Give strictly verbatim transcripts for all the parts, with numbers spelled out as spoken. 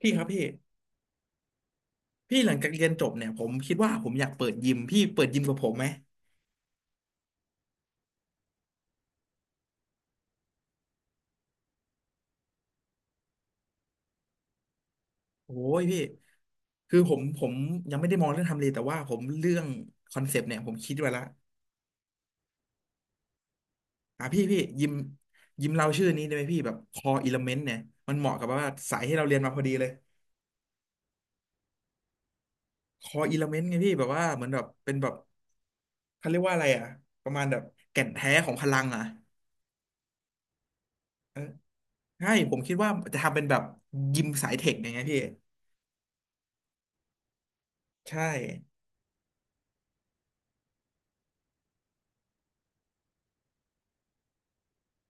พี่ครับพี่พี่หลังจากเรียนจบเนี่ยผมคิดว่าผมอยากเปิดยิมพี่เปิดยิมกับผมไหมโอ้ยพี่คือผมผมยังไม่ได้มองเรื่องทำเลแต่ว่าผมเรื่องคอนเซปต์เนี่ยผมคิดไว้ละอ่ะพี่พี่ยิมยิมเราชื่อนี้ได้ไหมพี่แบบคออิเลเมนต์เนี่ยมันเหมาะกับว่าสายที่เราเรียนมาพอดีเลยคออิเลเมนต์ไงพี่แบบว่าเหมือนแบบเป็นแบบเขาเรียกว่าอะไรอ่ะประมาณแบบแก่นแท้ของพลังอ่ะเออใช่ผมคิดว่าจะทำเป็นแบบยิมสายเทคอย่างเงี้ยพี่ใช่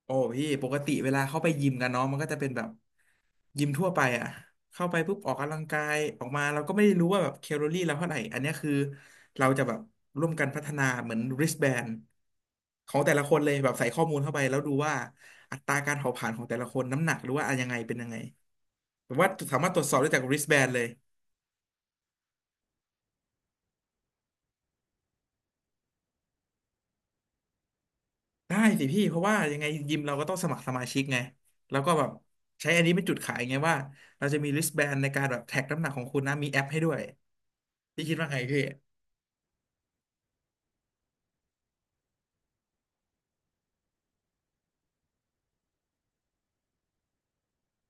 โอ้พี่ปกติเวลาเข้าไปยิมกันเนาะมันก็จะเป็นแบบยิมทั่วไปอะเข้าไปปุ๊บออกกำลังกายออกมาเราก็ไม่ได้รู้ว่าแบบแคลอรี่เราเท่าไหร่อันเนี้ยคือเราจะแบบร่วมกันพัฒนาเหมือน wristband ของแต่ละคนเลยแบบใส่ข้อมูลเข้าไปแล้วดูว่าอัตราการเผาผลาญของแต่ละคนน้ำหนักหรือว่าอะไรยังไงเป็นยังไงแบบว่าสามารถตรวจสอบได้จาก wristband เลยได้สิพี่เพราะว่ายังไงยิมเราก็ต้องสมัครสมาชิกไงแล้วก็แบบใช้อันนี้เป็นจุดขายไงว่าเราจะมี wristband ในการแบบแท็กน้ำหนักของคุณนะมีแอปให้ด้วย พี่คิดว่าไงพี่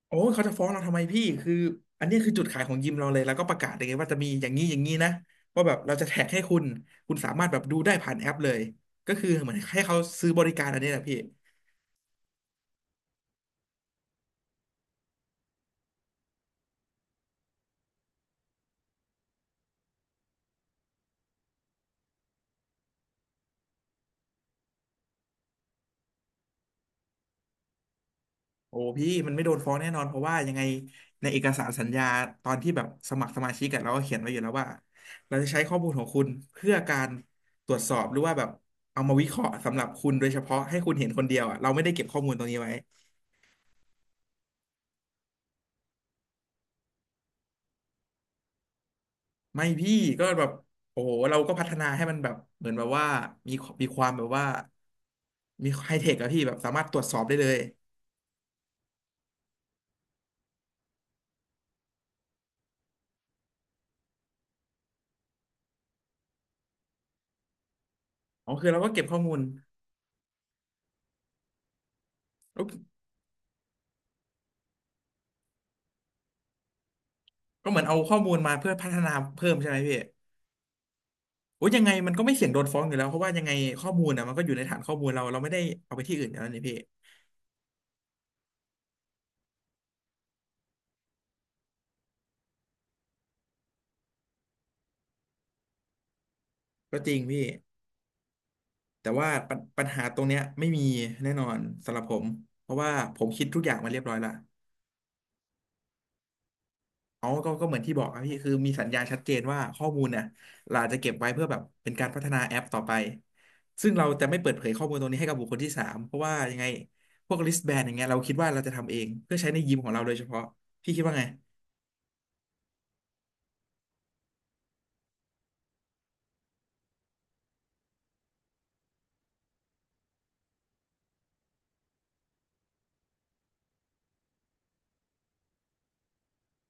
โอ้ยเขาจะฟ้องเราทำไมพี่ คืออันนี้คือจุดขายของยิมเราเลย แล้วก็ประกาศเลยไงว่าจะมีอย่างนี้อย่างนี้นะ ว่าแบบเราจะแท็กให้คุณ คุณสามารถแบบดูได้ผ่านแอปเลย ก็คือเหมือนให้เขาซื้อบริการอันนี้แหละพี่ โอ้พี่มันไม่โดนฟ้องแน่นอน เพราะว่ายังไงในเอกสารสัญญาตอนที่แบบสมัครสมาชิกกันเราก็เขียนไว้อยู่แล้วว่าเราจะใช้ข้อมูลของคุณเพื่อการตรวจสอบหรือว่าแบบเอามาวิเคราะห์สำหรับคุณโดยเฉพาะให้คุณเห็นคนเดียวอ่ะเราไม่ได้เก็บข้อมูลตรงนี้ไว้ ไม่พี่ก็แบบโอ้โหเราก็พัฒนาให้มันแบบเหมือนแบบว่ามีมีความแบบว่ามีไฮเทคอะพี่แบบสามารถตรวจสอบได้เลยอ๋อคือเราก็เก็บข้อมูลแล้วก็เหมือนเอาข้อมูลมาเพื่อพัฒนาเพิ่มใช่ไหมพี่โอ้ยยังไงมันก็ไม่เสี่ยงโดนฟ้องอยู่แล้วเพราะว่ายังไงข้อมูลอะมันก็อยู่ในฐานข้อมูลเราเราไม่ได้เอาไปที่อื่นอยู่แล้วนี่พี่ก็จริงพี่แต่ว่าปัญปัญหาตรงเนี้ยไม่มีแน่นอนสำหรับผมเพราะว่าผมคิดทุกอย่างมาเรียบร้อยละ เขาก็ก็เหมือนที่บอกครับพี่คือมีสัญญาชัดเจนว่าข้อมูลเนี่ยเราจะเก็บไว้เพื่อแบบเป็นการพัฒนาแอปต่อไป ซึ่งเราจะไม่เปิดเผยข้อมูลตรงนี้ให้กับบุคคลที่สามเพราะว่ายังไงพวก wristband อย่างเงี้ยเราคิดว่าเราจะทำเองเพื่อใช้ในยิมของเราโดยเฉพาะพี่คิดว่าไง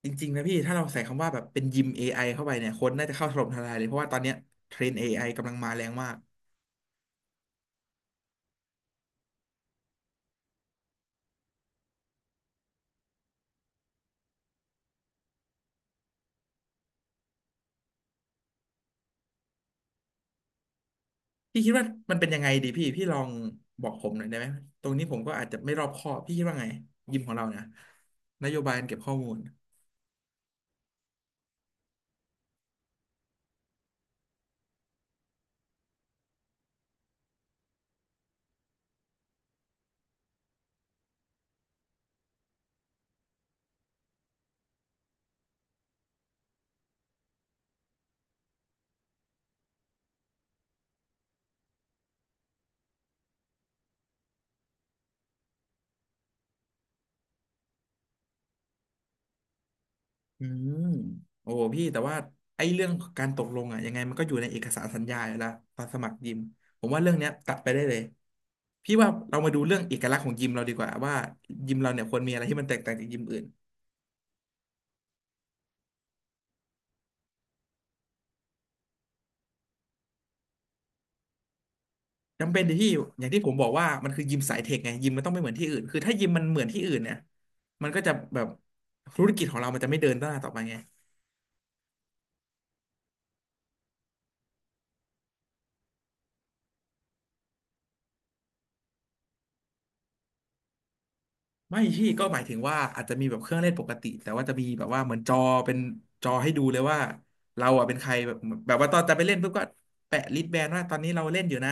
จริงๆนะพี่ถ้าเราใส่คำว่าแบบเป็นยิม เอ ไอ เข้าไปเนี่ยคนน่าจะเข้าถล่มทลายเลยเพราะว่าตอนเนี้ยเทรนเอไอกำลังมาแรงมากพี่คิดว่ามันเป็นยังไงดีพี่พี่ลองบอกผมหน่อยได้ไหมตรงนี้ผมก็อาจจะไม่รอบคอบพี่คิดว่าไงยิมของเราเนี่ยนโยบายการเก็บข้อมูล อืมโอ้พี่แต่ว่าไอ้เรื่องการตกลงอ่ะยังไงมันก็อยู่ในเอกสารสัญญาอยู่แล้วตอนสมัครยิมผมว่าเรื่องเนี้ยตัดไปได้เลยพี่ว่าเรามาดูเรื่องเอกลักษณ์ของยิมเราดีกว่าว่ายิมเราเนี่ยควรมีอะไรที่มันแตกต่างจากยิมอื่นจำเป็นที่พี่อย่างที่ผมบอกว่ามันคือยิมสายเทคไงยิมมันต้องไม่เหมือนที่อื่นคือถ้ายิมมันเหมือนที่อื่นเนี่ยมันก็จะแบบธุรกิจของเรามันจะไม่เดินหน้าต่อไปไง ไม่พี่ก็หมายถึงว่าอาจจะมีแบบเครื่องเล่นปกติแต่ว่าจะมีแบบว่าเหมือนจอเป็นจอให้ดูเลยว่าเราอ่ะเป็นใครแบบแบบว่าตอนจะไปเล่นปุ๊บก็แปะลิสต์แบนว่าตอนนี้เราเล่นอยู่นะ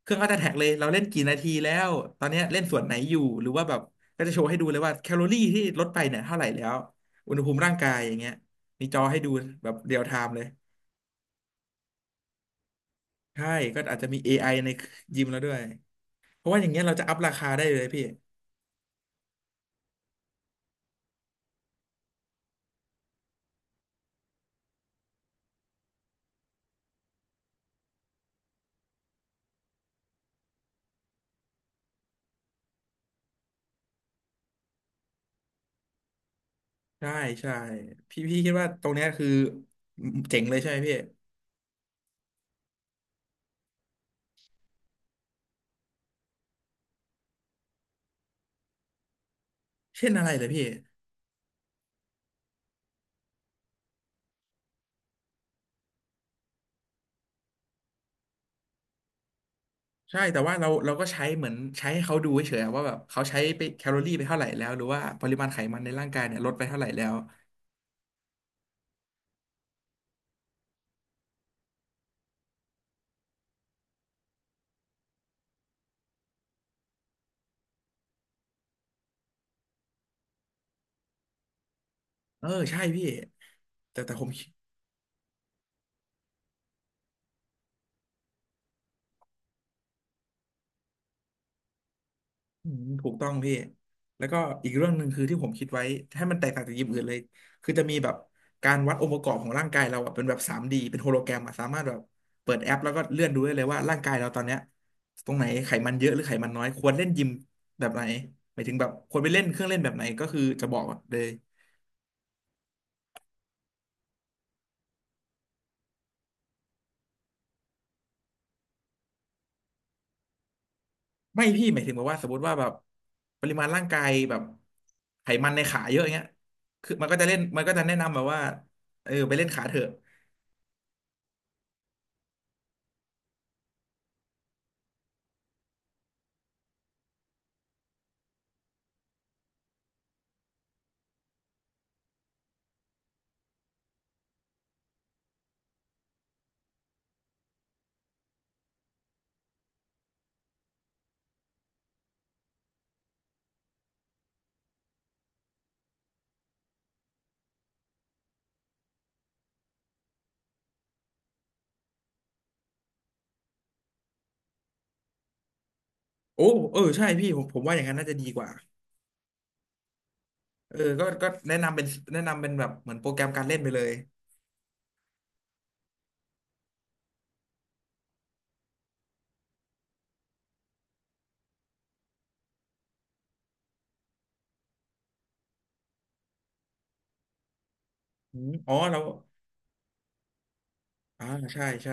เครื่องก็จะแท็กเลยเราเล่นกี่นาทีแล้วตอนเนี้ยเล่นส่วนไหนอยู่หรือว่าแบบก็จะโชว์ให้ดูเลยว่าแคลอรี่ที่ลดไปเนี่ยเท่าไหร่แล้วอุณหภูมิร่างกายอย่างเงี้ยมีจอให้ดูแบบเรียลไทม์เลยใช่ก็อาจจะมีเอไอในยิมแล้วด้วยเพราะว่าอย่างเงี้ยเราจะอัพราคาได้เลยพี่ ใช่ใช่พี่พี่คิดว่าตรงเนี้ยคือเจ๋งเลยใช่ไหมพี่เช่นอะไรเลยพี่ใช่แต่ว่าเราเราก็ใช้เหมือนใช้ให้เขาดูเฉยๆอะว่าแบบเขาใช้ไปแคลอรี่ไปเท่าไหร่แล้วหรือว่าปริมาณไขมันในร่างกายเนี่ยลดไปเท่าไหร่แล้วเออใช่พี่แต่แต่ผม อืมถูกต้องพี่แล้วก็อีกเรื่องหนึ่งคือที่ผมคิดไว้ให้มันแตกต่างจากยิมอื่นเลยคือจะมีแบบการวัดองค์ประกอบของร่างกายเราอะเป็นแบบ ทรี ดี เป็นโฮโลแกรมอะสามารถแบบเปิดแอปแล้วก็เลื่อนดูได้เลยว่าร่างกายเราตอนเนี้ยตรงไหนไขมันเยอะหรือไขมันน้อยควรเล่นยิมแบบไหนหมายถึงแบบควรไปเล่นเครื่องเล่นแบบไหนก็คือจะบอกเลยไม่พี่หมายถึงแบบว่าสมมติว่าแบบปริมาณร่างกายแบบไขมันในขาเยอะอย่างเงี้ยคือมันก็จะเล่นมันก็จะแนะนำแบบว่าเออไปเล่นขาเถอะ โอ้เออใช่พี่ผมผมว่าอย่างนั้นน่าจะดีกว่าเออก็ก็แนะนำเป็นแนะนำเป็นแบบเหมือนโปรแกรมการเล่นไปเลยอมอ๋อเราอ่าใช่ใช่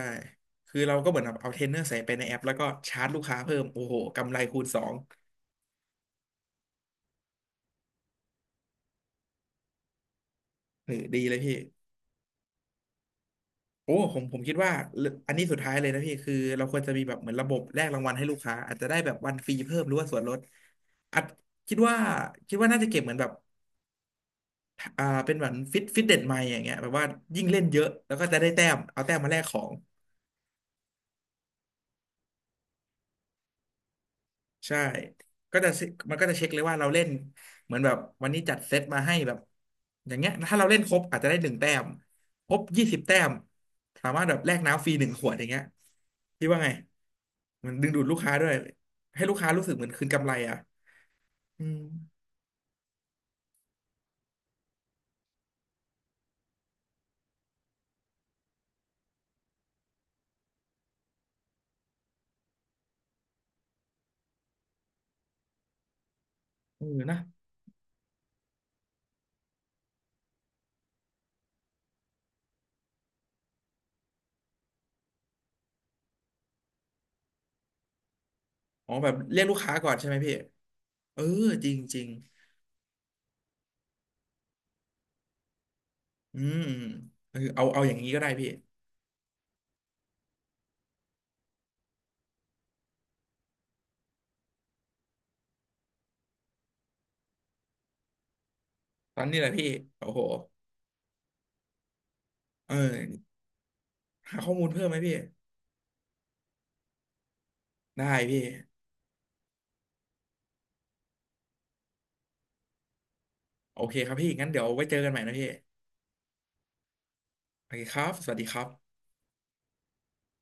คือเราก็เหมือนแบบเอาเทรนเนอร์ใส่ไปในแอปแล้วก็ชาร์จลูกค้าเพิ่มโอ้โหกำไรคูณสองเออดีเลยพี่โอ้ผมผมคิดว่าเรื่องอันนี้สุดท้ายเลยนะพี่คือเราควรจะมีแบบเหมือนระบบแลกรางวัลให้ลูกค้าอาจจะได้แบบวันฟรีเพิ่มหรือว่าส่วนลดอาจคิดว่าคิดว่าน่าจะเก็บเหมือนแบบอ่าเป็นเหมือนฟิตฟิตเด็ไมล์อย่างเงี้ยแบบว่ายิ่งเล่นเยอะแล้วก็จะได้แต้มเอาแต้มมาแลกของ ใช่ก็จะมันก็จะเช็คเลยว่าเราเล่นเหมือนแบบวันนี้จัดเซตมาให้แบบอย่างเงี้ยถ้าเราเล่นครบอาจจะได้หนึ่งแต้มครบยี่สิบแต้มสามารถแบบแลกน้ำฟรีหนึ่งขวดอย่างเงี้ยพี่ว่าไงมันดึงดูดลูกค้าด้วยให้ลูกค้ารู้สึกเหมือนคืนกำไรอ่ะอืมเออนะอ๋อแบบเรียกลูกค้าก่อนใช่ไหมพี่เออจริงจริงอืมเออเอาเอาอย่างนี้ก็ได้พี่ตอนนี้แหละพี่โอ้โหเออหาข้อมูลเพิ่มไหมพี่ได้พี่ โอเคครับพี่งั้นเดี๋ยวไว้เจอกันใหม่นะพี่ โอเคครับ สวัสดีครับ